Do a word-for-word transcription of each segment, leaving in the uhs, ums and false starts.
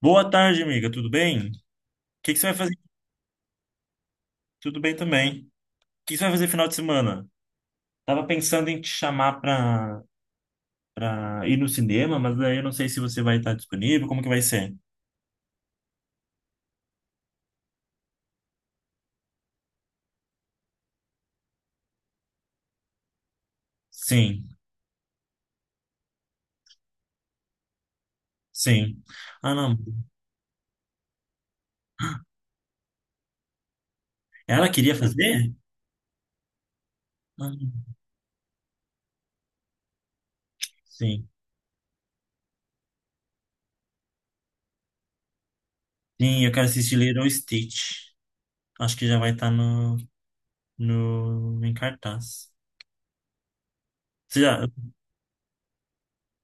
Boa tarde, amiga. Tudo bem? O que que você vai fazer? Tudo bem também. O que que você vai fazer final de semana? Tava pensando em te chamar pra, pra ir no cinema, mas daí eu não sei se você vai estar disponível. Como que vai ser? Sim, sim. Ah, não. Ela queria fazer? Ah, sim. Sim, eu quero assistir Lilo Stitch. Acho que já vai estar no, no, em cartaz. Você já,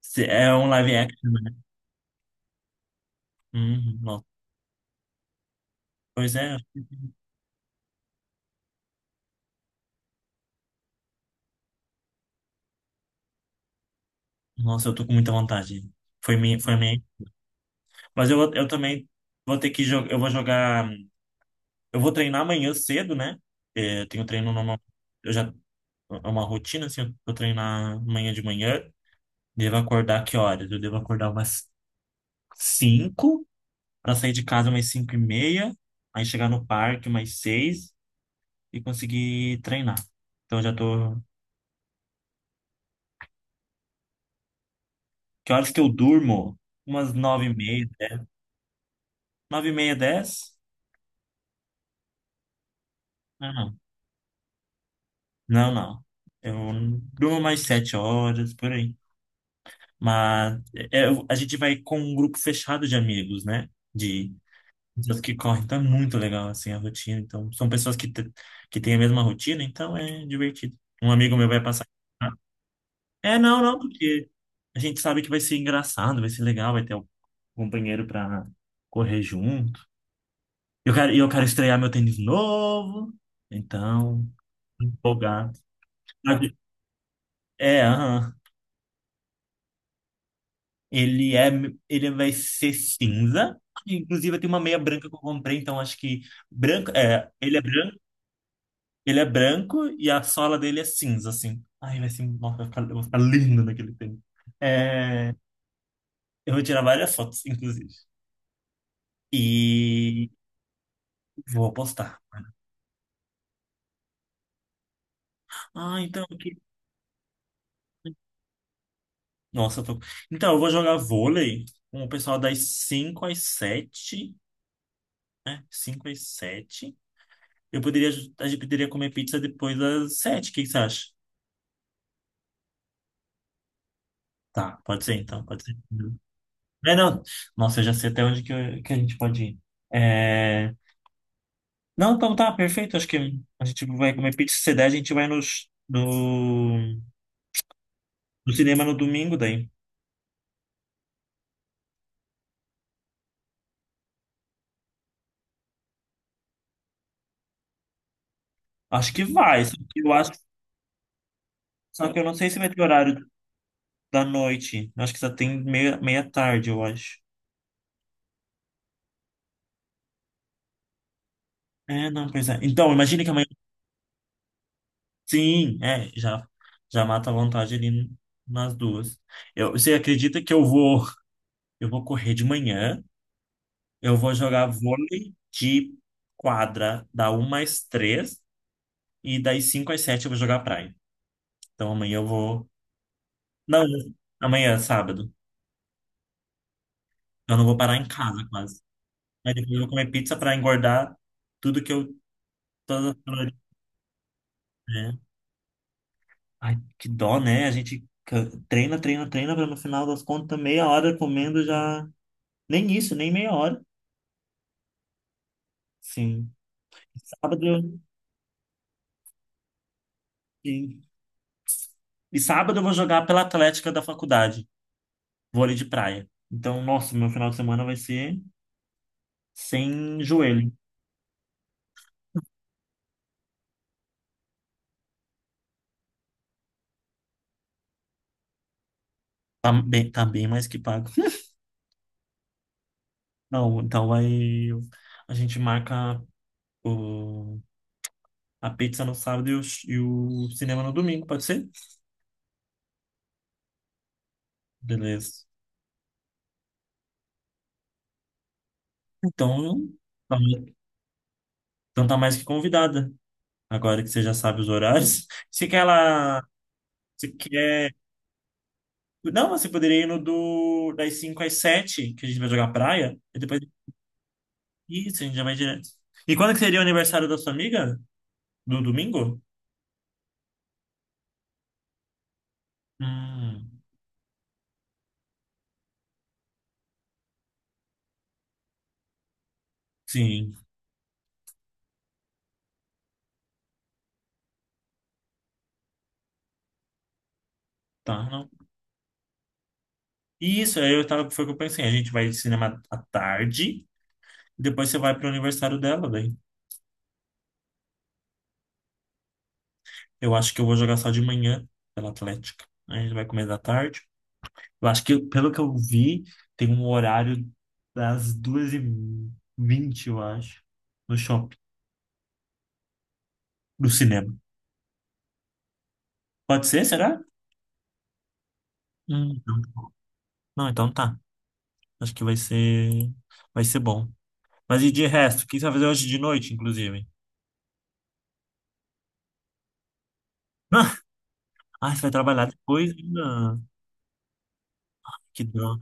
se- é um live action, né? Uhum, nossa. Pois é. Nossa, eu tô com muita vontade. Foi minha, foi minha Mas eu, vou- eu também vou ter que jogar. Eu vou jogar. Eu vou treinar amanhã cedo, né? É, eu tenho treino normal. Eu já. É uma rotina, assim. Eu vou treinar amanhã de manhã. Devo acordar que horas? Eu devo acordar umas cinco para sair de casa umas cinco e meia. Aí chegar no parque umas seis e conseguir treinar. Então eu já tô. Que horas que eu durmo? Umas nove e meia, dez. nove e meia, dez Não, não. Não, não. Eu durmo mais sete horas, por aí. Mas é- é- a gente vai com um grupo fechado de amigos, né? De pessoas que correm. Então é muito legal, assim, a rotina. Então, são pessoas que, te- que têm a mesma rotina, então é divertido. Um amigo meu vai passar. É, não, não, porque a gente sabe que vai ser engraçado, vai ser legal, vai ter um companheiro pra correr junto. Eu quero, e eu quero estrear meu tênis novo, então, empolgado. Sabe? É, aham. Ele é, ele vai ser cinza. Inclusive, eu tenho uma meia branca que eu comprei, então acho que branco, é, ele é branco, ele é branco e a sola dele é cinza, assim. Ai, vai ser, nossa, vai ficar, eu vou ficar lindo naquele tempo. É, eu vou tirar várias fotos, inclusive. E vou postar. Ah, então que Nossa, eu tô... Então, eu vou jogar vôlei com o pessoal das cinco às sete. Né? Cinco às sete. Eu poderia, a gente poderia comer pizza depois das sete. O que que você acha? Tá, pode ser então, pode ser. É, não, nossa, eu já sei até onde que, eu- que a gente pode ir. É... Não, então tá, perfeito. Acho que a gente vai comer pizza. Se der, a gente vai nos, do, do cinema no domingo daí. Acho que vai, só que eu acho, só que eu não sei se vai ter horário da noite. Eu acho que só tem meia, meia tarde, eu acho. É, não, pois é. Então, imagine que amanhã. Sim, é, já, já mata a vontade ali nas duas. Eu, você acredita que eu vou, eu vou correr de manhã? Eu vou jogar vôlei de quadra da uma às três e das cinco às sete eu vou jogar praia. Então amanhã eu vou. Não, amanhã, é sábado. Eu não vou parar em casa quase. Aí depois eu vou comer pizza pra engordar tudo que eu. Todas as calorias, né? Ai, que dó, né? A gente ca- treina, treina, treina pra no final das contas, meia hora comendo já. Nem isso, nem meia hora. Sim. Sábado eu. Sim. E sábado eu vou jogar pela Atlética da faculdade. Vôlei de praia. Então, nossa, meu final de semana vai ser sem joelho. Tá bem, tá bem mais que pago. Não, então vai. A gente marca o, a pizza no sábado e o, e o cinema no domingo, pode ser? Beleza. Então, tá- então tá mais que convidada. Agora que você já sabe os horários. Se quer ela. Se quer. Não, você poderia ir no do, das cinco às sete que a gente vai jogar praia. E depois. Isso, a gente já vai direto. E quando que seria o aniversário da sua amiga? Do domingo? Hum, sim, tá, não. E Isso, aí eu tava, foi o que eu pensei, a gente vai de cinema à tarde, depois você vai pro aniversário dela, daí. Eu acho que eu vou jogar só de manhã pela Atlética. Aí a gente vai comer da tarde. Eu acho que, pelo que eu vi, tem um horário das duas e vinte eu acho, no shopping, do cinema. Pode ser, será? Hum, não. Não, então tá. Acho que vai ser, vai ser bom. Mas e de resto, o que você vai fazer hoje de noite, inclusive? Ah, você vai trabalhar depois? Ainda? Que dó.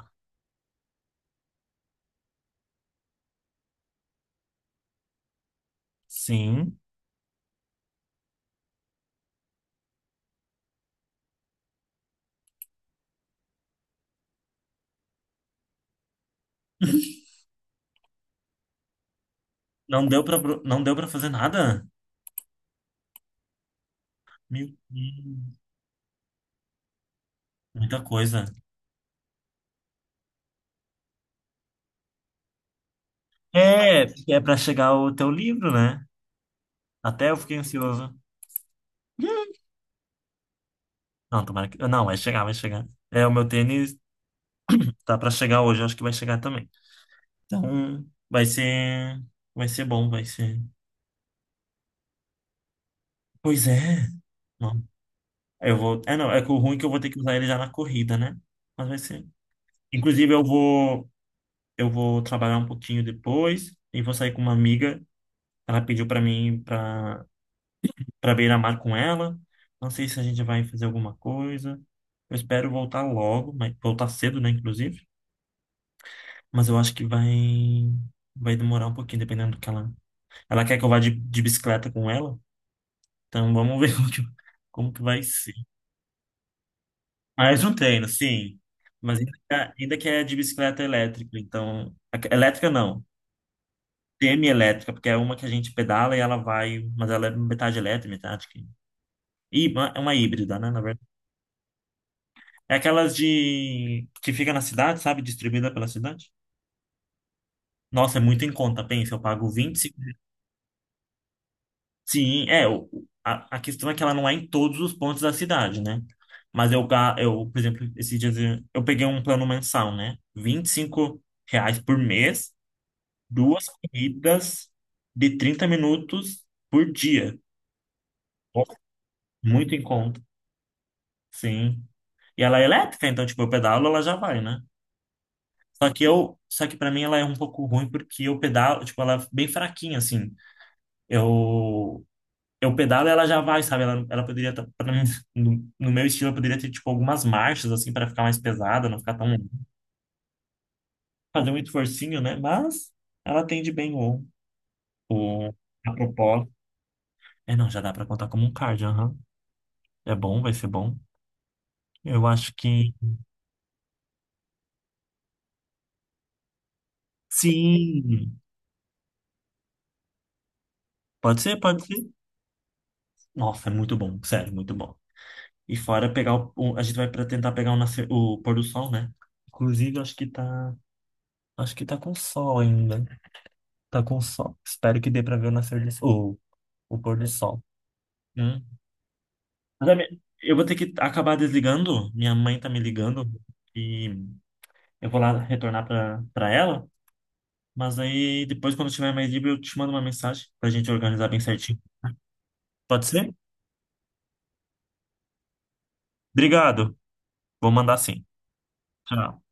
Sim. Não deu pra, não deu pra fazer nada? Meu Deus. Muita coisa. É, porque é pra chegar o teu livro, né? Até eu fiquei ansioso. Não, tomara que. Não, vai chegar, vai chegar. É, o meu tênis tá pra chegar hoje, eu acho que vai chegar também. Então, vai ser. Vai ser bom, vai ser. Pois é. Não, eu vou. É, não, é que o ruim é que eu vou ter que usar ele já na corrida, né? Mas vai ser. Inclusive, eu vou. Eu vou trabalhar um pouquinho depois e vou sair com uma amiga. Ela pediu para mim para para beira-mar com ela. Não sei se a gente vai fazer alguma coisa. Eu espero voltar logo, mas voltar cedo, né, inclusive. Mas eu acho que vai vai demorar um pouquinho, dependendo do que ela. Ela quer que eu vá de, de bicicleta com ela. Então vamos ver como que, como que vai ser. Mais um treino, sim. Mas ainda, ainda que é de bicicleta elétrica, então. a- Elétrica não. Semi-elétrica, porque é uma que a gente pedala e ela vai, mas ela é metade elétrica, metade que... Hí- É uma híbrida, né, na verdade. É aquelas de... que fica na cidade, sabe? Distribuída pela cidade. Nossa, é muito em conta, pensa, eu pago vinte e cinco... Sim, é, o- o- a, a questão é que ela não é em todos os pontos da cidade, né? Mas eu, ga- eu, por exemplo, esses dias eu eu peguei um plano mensal, né? Vinte e cinco reais por mês, duas corridas de trinta minutos por dia. Nossa, muito em conta. Sim. E ela é elétrica, então, tipo, eu pedalo, ela já vai, né? Só que eu, só que para mim ela é um pouco ruim porque eu pedalo, tipo, ela é bem fraquinha, assim. Eu, eu pedalo e ela já vai, sabe? Ela, ela poderia, tá- pra mim, no, no meu estilo, eu poderia ter, tipo, algumas marchas, assim, para ficar mais pesada, não ficar tão, fazer muito forcinho, né? Mas ela atende bem o, o, a propósito. É, não, já dá pra contar como um cardio, aham. É bom, vai ser bom. Eu acho que, sim, pode ser, pode ser. Nossa, é muito bom, sério, muito bom. E fora pegar o, o- a gente vai para tentar pegar o, nascer, o pôr do sol, né? Inclusive, acho que tá, acho que tá com sol ainda. Tá com sol. Espero que dê para ver o nascer do sol, o o pôr do sol. Hum. Mas, ami- Eu vou ter que acabar desligando. Minha mãe tá me ligando e eu vou lá retornar para para ela. Mas aí depois, quando eu tiver mais livre, eu te mando uma mensagem pra gente organizar bem certinho. Pode ser? Obrigado. Vou mandar sim. Tchau.